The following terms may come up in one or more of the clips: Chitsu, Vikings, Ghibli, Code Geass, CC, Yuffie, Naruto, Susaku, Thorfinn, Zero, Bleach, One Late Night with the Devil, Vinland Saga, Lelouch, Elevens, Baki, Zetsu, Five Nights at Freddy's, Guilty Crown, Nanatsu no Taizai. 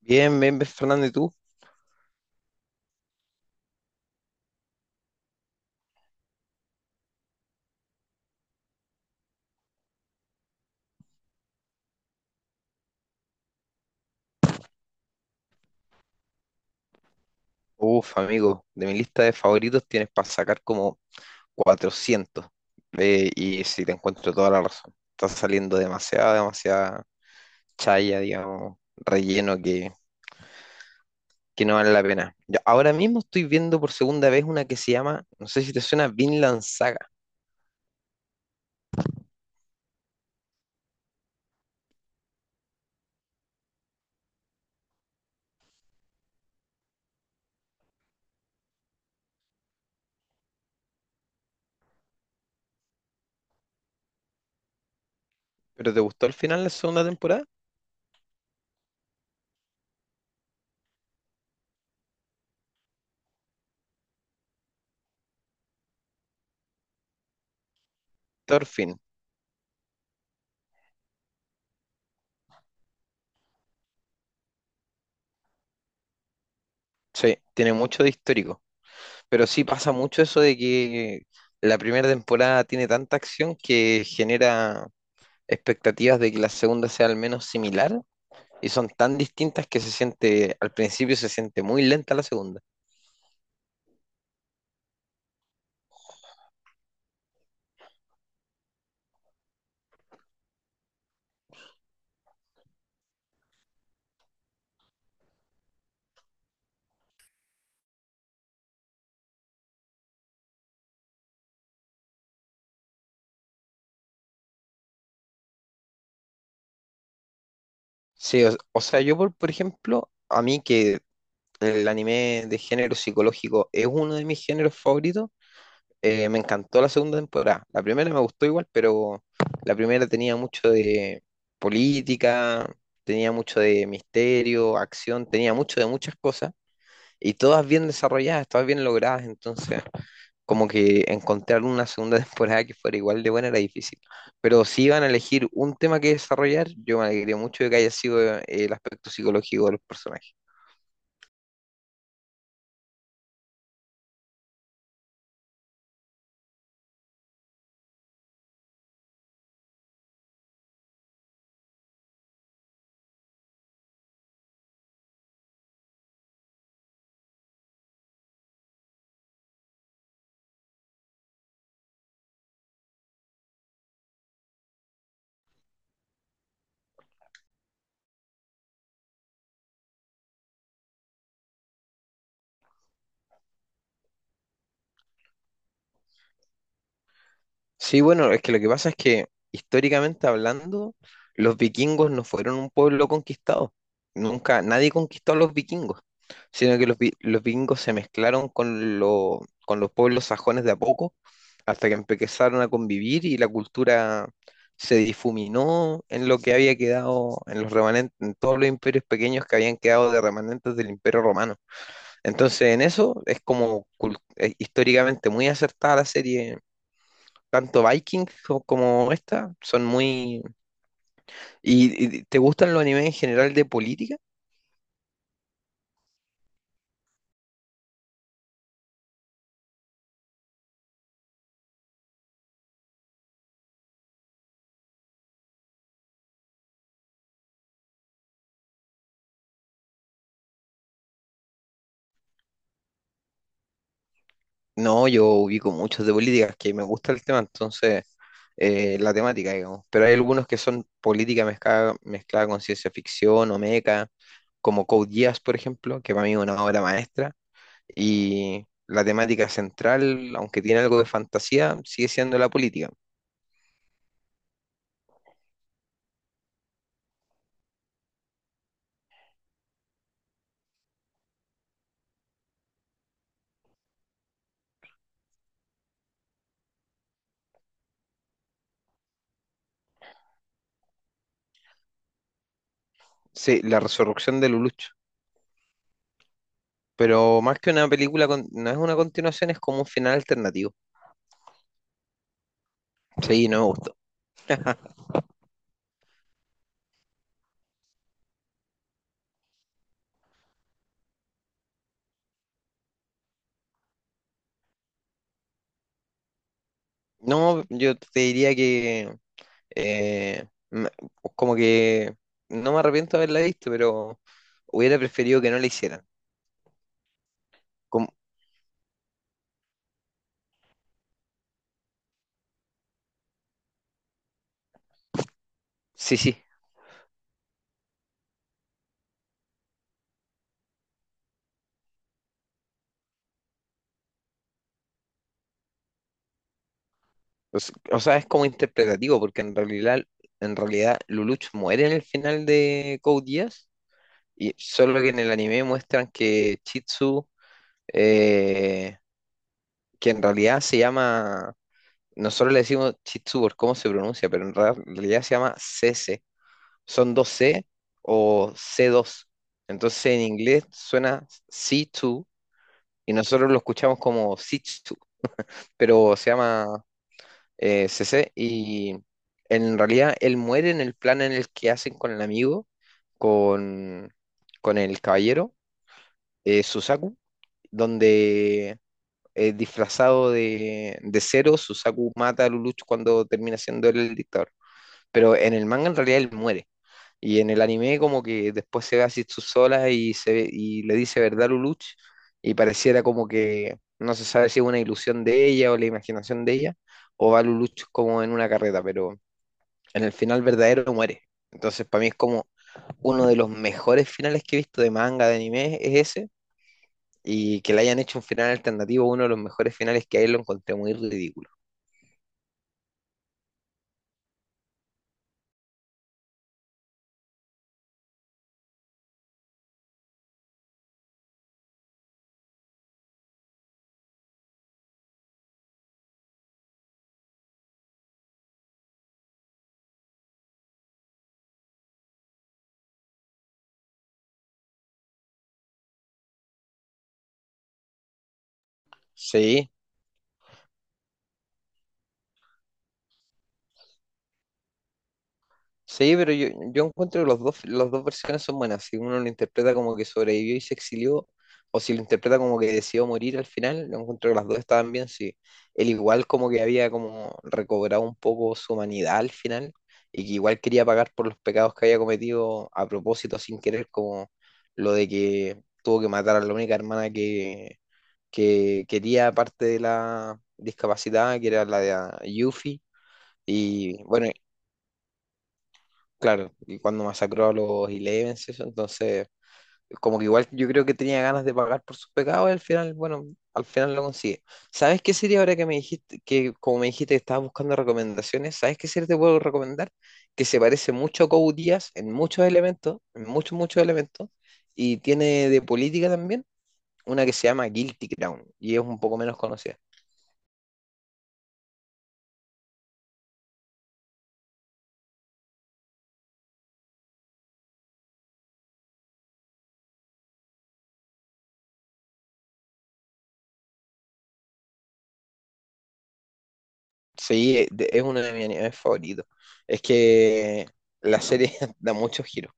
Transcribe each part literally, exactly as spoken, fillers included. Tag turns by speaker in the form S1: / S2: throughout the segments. S1: Bien, bien, bien, Fernando, ¿y tú? Uf, amigo, de mi lista de favoritos tienes para sacar como cuatrocientos. Eh, y sí, te encuentro toda la razón. Está saliendo demasiada, demasiada chaya, digamos, relleno que, que no vale la pena. Yo ahora mismo estoy viendo por segunda vez una que se llama, no sé si te suena, Vinland Saga. Pero ¿te gustó el final de la segunda temporada? Thorfinn, sí, tiene mucho de histórico. Pero sí pasa mucho eso de que la primera temporada tiene tanta acción que genera expectativas de que la segunda sea al menos similar, y son tan distintas que se siente, al principio se siente muy lenta la segunda. Sí, o, o sea, yo por, por ejemplo, a mí que el anime de género psicológico es uno de mis géneros favoritos, eh, me encantó la segunda temporada. La primera me gustó igual, pero la primera tenía mucho de política, tenía mucho de misterio, acción, tenía mucho de muchas cosas y todas bien desarrolladas, todas bien logradas. Entonces como que encontrar una segunda temporada que fuera igual de buena era difícil. Pero si iban a elegir un tema que desarrollar, yo me alegré mucho de que haya sido eh, el aspecto psicológico de los personajes. Sí, bueno, es que lo que pasa es que históricamente hablando, los vikingos no fueron un pueblo conquistado. Nunca nadie conquistó a los vikingos, sino que los, vi- los vikingos se mezclaron con, lo- con los pueblos sajones de a poco, hasta que empezaron a convivir y la cultura se difuminó en lo que había quedado, en los remanentes, en todos los imperios pequeños que habían quedado de remanentes del Imperio Romano. Entonces, en eso es como cul- eh, históricamente muy acertada la serie, tanto Vikings co- como esta son muy... ¿Y, y te gustan los animes en general de política? No, yo ubico muchos de política, que me gusta el tema, entonces eh, la temática, digamos. Pero hay algunos que son política mezclada, mezclada con ciencia ficción o meca, como Code Geass, por ejemplo, que para mí es una obra maestra. Y la temática central, aunque tiene algo de fantasía, sigue siendo la política. Sí, la resurrección de Lelouch. Pero más que una película, con- no es una continuación, es como un final alternativo. Sí, no me gustó. No, yo te diría que eh, me- como que no me arrepiento de haberla visto, pero hubiera preferido que no la hicieran. Como sí, sí. O s- o sea, es como interpretativo, porque en realidad, en realidad Lelouch muere en el final de Code Geass, y solo que en el anime muestran que Chitsu, eh, que en realidad se llama, nosotros le decimos Chitsu por cómo se pronuncia, pero en ra- realidad se llama C C, son dos C o c dos. Entonces en inglés suena C dos, y nosotros lo escuchamos como C dos, pero se llama eh, c C. Y en realidad él muere en el plan en el que hacen con el amigo, con, con el caballero, eh, Susaku, donde eh, disfrazado de, de Zero, Susaku mata a Lelouch cuando termina siendo él el dictador. Pero en el manga en realidad él muere. Y en el anime como que después se ve a Zetsu sola y se ve- y le dice verdad Luluch, y pareciera como que no se sabe si es una ilusión de ella o la imaginación de ella, o va Luluch como en una carreta, pero en el final verdadero muere. Entonces para mí es como uno de los mejores finales que he visto de manga, de anime, es ese. Y que le hayan hecho un final alternativo, uno de los mejores finales que hay, lo encontré muy ridículo. Sí, sí, pero yo, yo encuentro que los dos, las dos versiones son buenas. Si uno lo interpreta como que sobrevivió y se exilió, o si lo interpreta como que decidió morir al final, yo encuentro que las dos estaban bien. Sí, él igual como que había como recobrado un poco su humanidad al final, y que igual quería pagar por los pecados que había cometido a propósito, sin querer, como lo de que tuvo que matar a la única hermana que, que quería, aparte de la discapacidad, que era la de Yuffie. Y bueno, claro, y cuando masacró a los Elevens, eso, entonces, como que igual yo creo que tenía ganas de pagar por sus pecados y al final, bueno, al final lo consigue. ¿Sabes qué serie, ahora que me dijiste, que como me dijiste que estabas buscando recomendaciones, sabes qué serie te puedo recomendar? Que se parece mucho a Code Geass en muchos elementos, en muchos, muchos elementos, y tiene de política también, una que se llama Guilty Crown, y es un poco menos conocida. Sí, es de- es uno de mis animes favoritos. Es que la serie da muchos giros.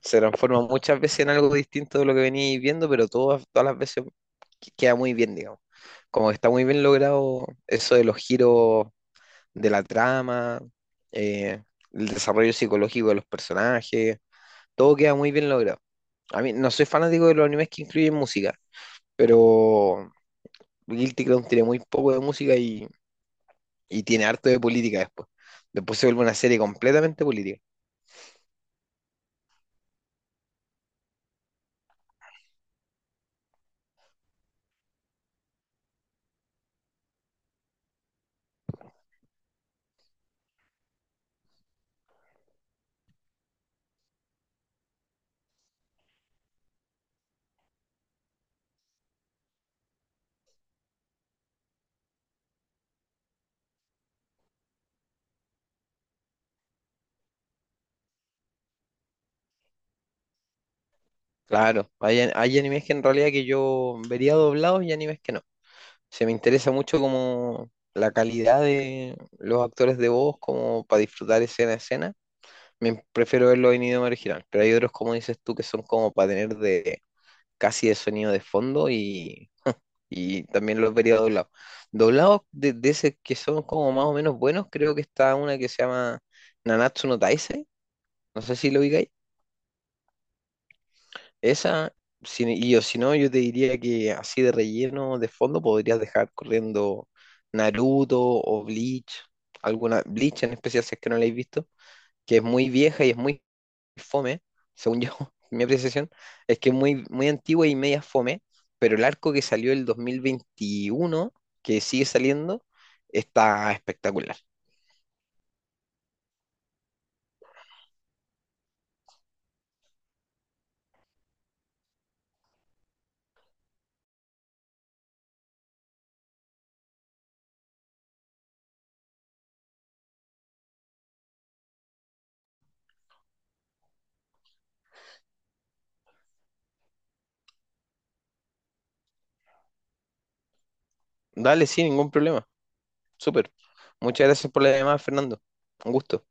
S1: Se transforma muchas veces en algo distinto de lo que venís viendo, pero todas, todas las veces que- queda muy bien, digamos. Como que está muy bien logrado eso de los giros de la trama, eh, el desarrollo psicológico de los personajes, todo queda muy bien logrado. A mí no soy fanático de los animes que incluyen música, pero Guilty Crown tiene muy poco de música, y, y tiene harto de política después. Después se vuelve una serie completamente política. Claro, hay, hay animes que en realidad que yo vería doblados y animes que no. Se me interesa mucho como la calidad de los actores de voz, como para disfrutar escena a escena. Me prefiero verlo en idioma original, pero hay otros, como dices tú, que son como para tener de casi de sonido de fondo, y, y también los vería doblados. Doblados de, de ese que son como más o menos buenos, creo que está una que se llama Nanatsu no Taizai, no sé si lo ubicáis. Esa, si- y o si no, yo te diría que así de relleno, de fondo, podrías dejar corriendo Naruto o Bleach, alguna Bleach en especial si es que no la habéis visto, que es muy vieja y es muy fome, según yo, mi apreciación, es que es muy, muy antigua y media fome, pero el arco que salió el dos mil veintiuno, que sigue saliendo, está espectacular. Dale, sin ningún problema. Súper. Muchas gracias por la llamada, Fernando. Un gusto.